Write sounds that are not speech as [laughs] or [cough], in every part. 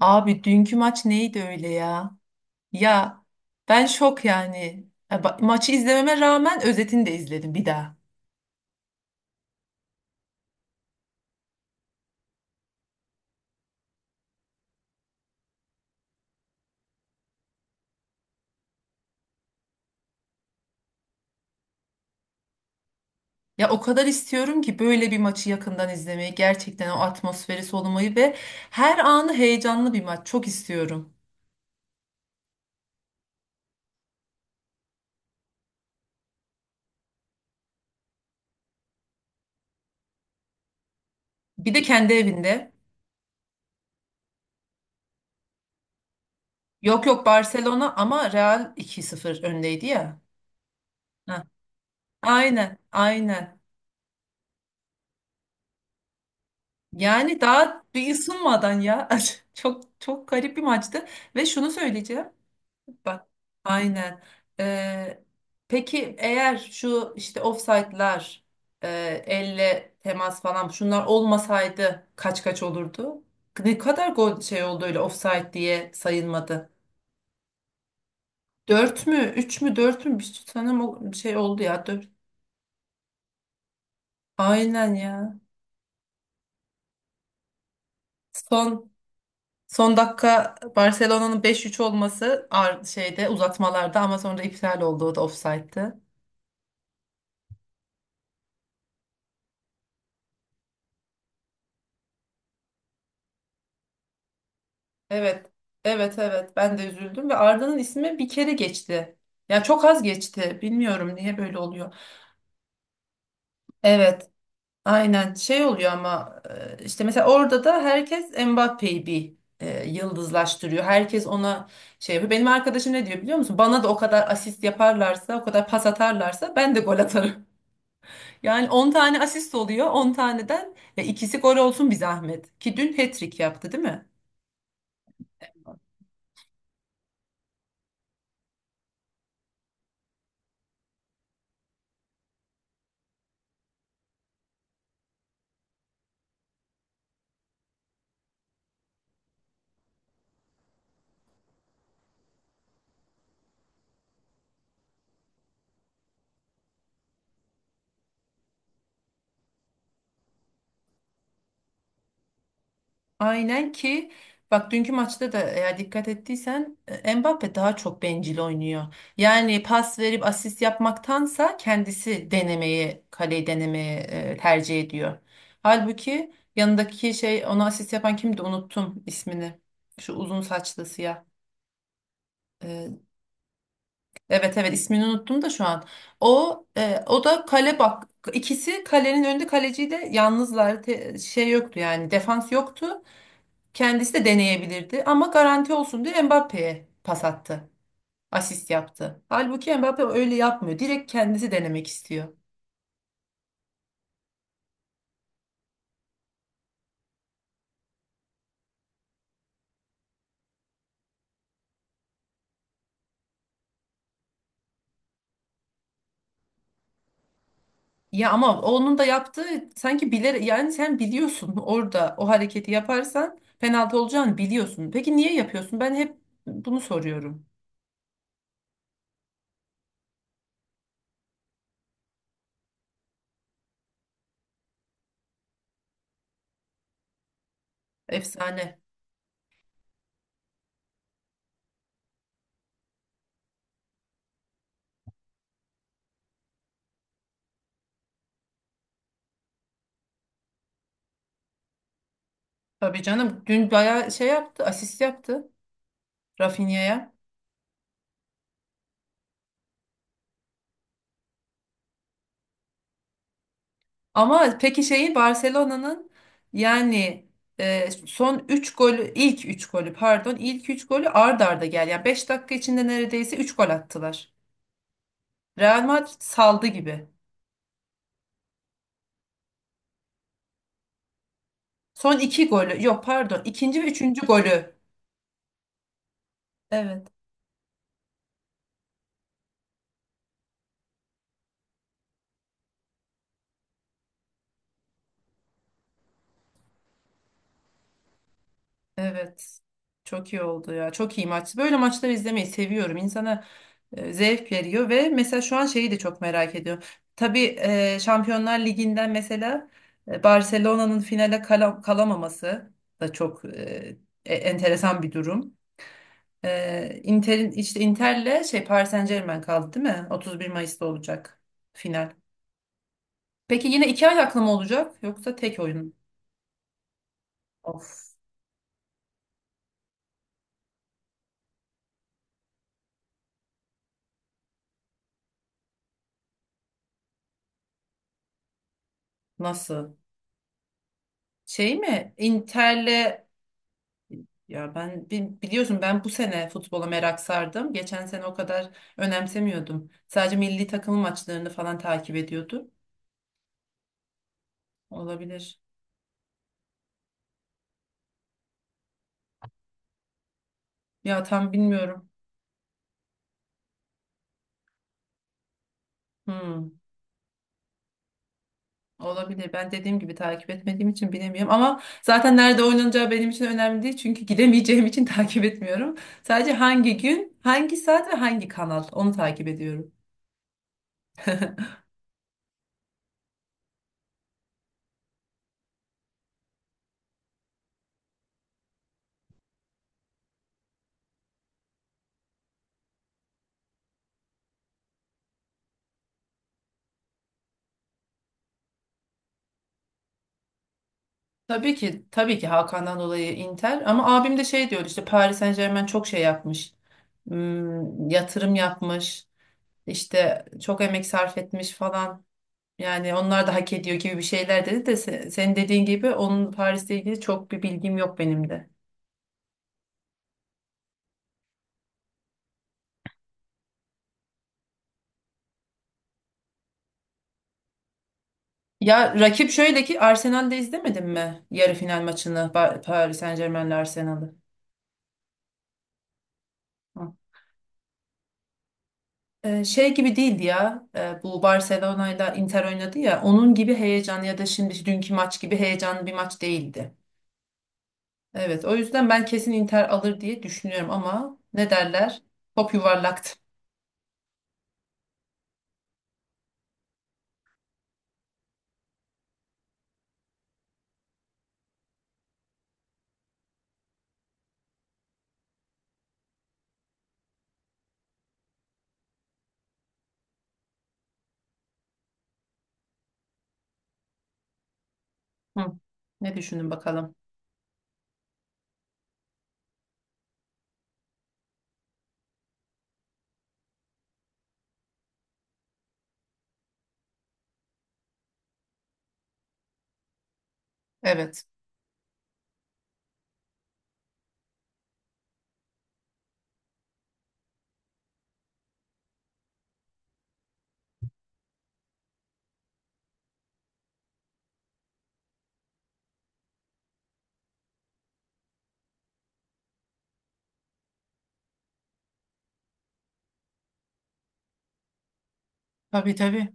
Abi dünkü maç neydi öyle ya? Ya ben şok yani. Ya maçı izlememe rağmen özetini de izledim bir daha. Ya o kadar istiyorum ki böyle bir maçı yakından izlemeyi, gerçekten o atmosferi solumayı ve her anı heyecanlı bir maç çok istiyorum. Bir de kendi evinde. Yok yok Barcelona ama Real 2-0 öndeydi ya. Ha, aynen aynen. Yani daha bir ısınmadan ya. [laughs] Çok çok garip bir maçtı. Ve şunu söyleyeceğim. Bak aynen. Ee, peki eğer şu işte ofsaytlar, e, elle temas falan şunlar olmasaydı kaç kaç olurdu? Ne kadar gol şey oldu öyle ofsayt diye sayılmadı. 4 mü? Üç mü? Dört mü? Bir sanırım o şey oldu ya. Dört. Aynen ya. Son son dakika Barcelona'nın 5-3 olması şeyde, uzatmalarda, ama sonra iptal oldu. O da ofsayttı. Evet. Evet evet, ben de üzüldüm ve Arda'nın ismi bir kere geçti. Ya çok az geçti. Bilmiyorum niye böyle oluyor. Evet. Aynen şey oluyor ama işte mesela orada da herkes Mbappé'yi bir yıldızlaştırıyor. Herkes ona şey yapıyor. Benim arkadaşım ne diyor biliyor musun? Bana da o kadar asist yaparlarsa, o kadar pas atarlarsa ben de gol atarım. Yani 10 tane asist oluyor. 10 taneden ya ikisi gol olsun bir zahmet. Ki dün hat-trick yaptı değil mi? Aynen, ki bak, dünkü maçta da eğer dikkat ettiysen Mbappe daha çok bencil oynuyor. Yani pas verip asist yapmaktansa kendisi denemeyi, kaleyi denemeyi tercih ediyor. Halbuki yanındaki şey, ona asist yapan kimdi unuttum ismini. Şu uzun saçlı siyah. E, Evet evet, ismini unuttum da şu an. O da kale, bak, ikisi kalenin önünde kaleciyi de yalnızlar. Şey yoktu yani, defans yoktu. Kendisi de deneyebilirdi ama garanti olsun diye Mbappe'ye pas attı. Asist yaptı. Halbuki Mbappe öyle yapmıyor. Direkt kendisi denemek istiyor. Ya ama onun da yaptığı sanki bilerek. Yani sen biliyorsun [laughs] orada o hareketi yaparsan penaltı olacağını biliyorsun. Peki niye yapıyorsun? Ben hep bunu soruyorum. Efsane. Tabii canım, dün bayağı şey yaptı, asist yaptı Rafinha'ya. Ama peki şeyi Barcelona'nın, yani son 3 golü, ilk 3 golü pardon, ilk 3 golü ard arda gel. Yani 5 dakika içinde neredeyse 3 gol attılar. Real Madrid saldı gibi. Son iki golü, yok pardon, ikinci ve üçüncü golü. Evet. Evet. Çok iyi oldu ya. Çok iyi maç. Böyle maçları izlemeyi seviyorum. İnsana zevk veriyor. Ve mesela şu an şeyi de çok merak ediyorum. Tabii Şampiyonlar Ligi'nden mesela Barcelona'nın finale kalamaması da çok enteresan bir durum. Inter'in, işte Inter'le şey Paris Saint-Germain kaldı değil mi? 31 Mayıs'ta olacak final. Peki yine iki ayaklı mı olacak yoksa tek oyun? Of, nasıl? Şey mi? Inter'le. Ya ben biliyorsun, ben bu sene futbola merak sardım. Geçen sene o kadar önemsemiyordum. Sadece milli takım maçlarını falan takip ediyordum. Olabilir. Ya tam bilmiyorum. Hmm, olabilir. Ben dediğim gibi takip etmediğim için bilemiyorum. Ama zaten nerede oynanacağı benim için önemli değil. Çünkü gidemeyeceğim için [laughs] takip etmiyorum. Sadece hangi gün, hangi saat ve hangi kanal, onu takip ediyorum. Tabii ki, tabii ki Hakan'dan dolayı Inter, ama abim de şey diyor, işte Paris Saint-Germain çok şey yapmış. Yatırım yapmış. İşte çok emek sarf etmiş falan. Yani onlar da hak ediyor gibi bir şeyler dedi de senin dediğin gibi onun Paris'le ilgili çok bir bilgim yok benim de. Ya rakip, şöyle ki, Arsenal'de izlemedin mi yarı final maçını, Paris Saint-Germain'le Arsenal'ı? Şey gibi değildi ya. Bu Barcelona'yla Inter oynadı ya, onun gibi heyecanlı ya da şimdi dünkü maç gibi heyecanlı bir maç değildi. Evet, o yüzden ben kesin Inter alır diye düşünüyorum ama ne derler? Top yuvarlaktı. Hı. Ne düşündün bakalım? Evet, tabii tabii.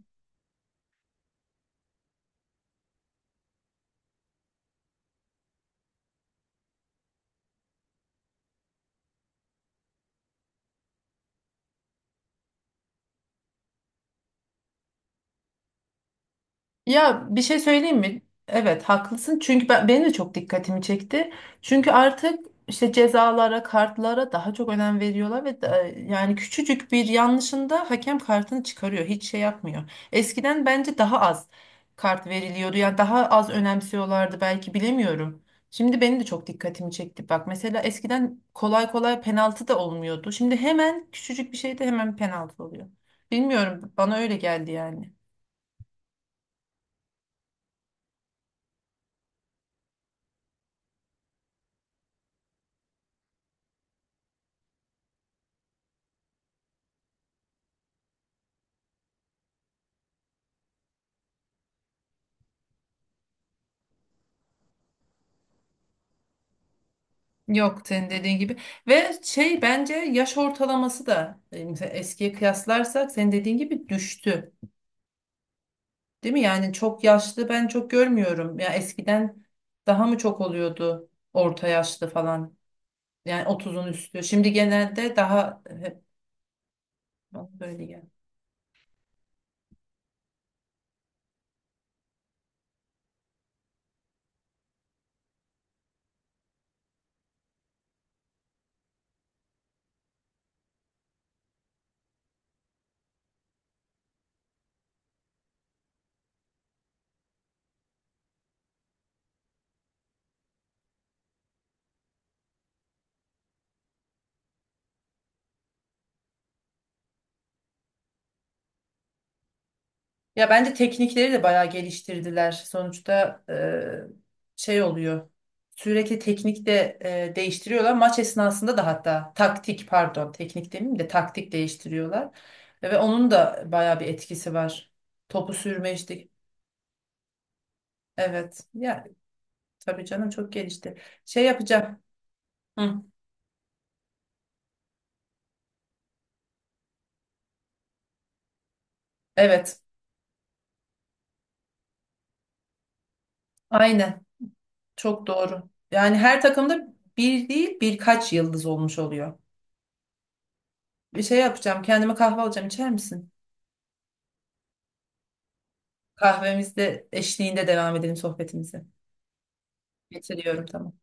Ya bir şey söyleyeyim mi? Evet haklısın. Çünkü ben, benim de çok dikkatimi çekti. Çünkü artık işte cezalara, kartlara daha çok önem veriyorlar ve yani küçücük bir yanlışında hakem kartını çıkarıyor. Hiç şey yapmıyor. Eskiden bence daha az kart veriliyordu. Yani daha az önemsiyorlardı belki, bilemiyorum. Şimdi benim de çok dikkatimi çekti. Bak mesela eskiden kolay kolay penaltı da olmuyordu. Şimdi hemen küçücük bir şeyde hemen penaltı oluyor. Bilmiyorum, bana öyle geldi yani. Yok, senin dediğin gibi ve şey, bence yaş ortalaması da mesela eskiye kıyaslarsak senin dediğin gibi düştü. Değil mi? Yani çok yaşlı ben çok görmüyorum. Ya eskiden daha mı çok oluyordu orta yaşlı falan. Yani 30'un üstü. Şimdi genelde daha hep bana böyle geldi. Ya bence teknikleri de bayağı geliştirdiler. Sonuçta şey oluyor. Sürekli teknik de değiştiriyorlar. Maç esnasında da hatta taktik, pardon teknik demeyeyim de taktik değiştiriyorlar. Ve onun da bayağı bir etkisi var. Topu sürme işte. Evet. Ya tabii canım, çok gelişti. Şey yapacağım. Hı, evet. Aynen. Çok doğru. Yani her takımda bir değil, birkaç yıldız olmuş oluyor. Bir şey yapacağım. Kendime kahve alacağım. İçer misin? Kahvemizde eşliğinde devam edelim sohbetimizi. Bitiriyorum, tamam.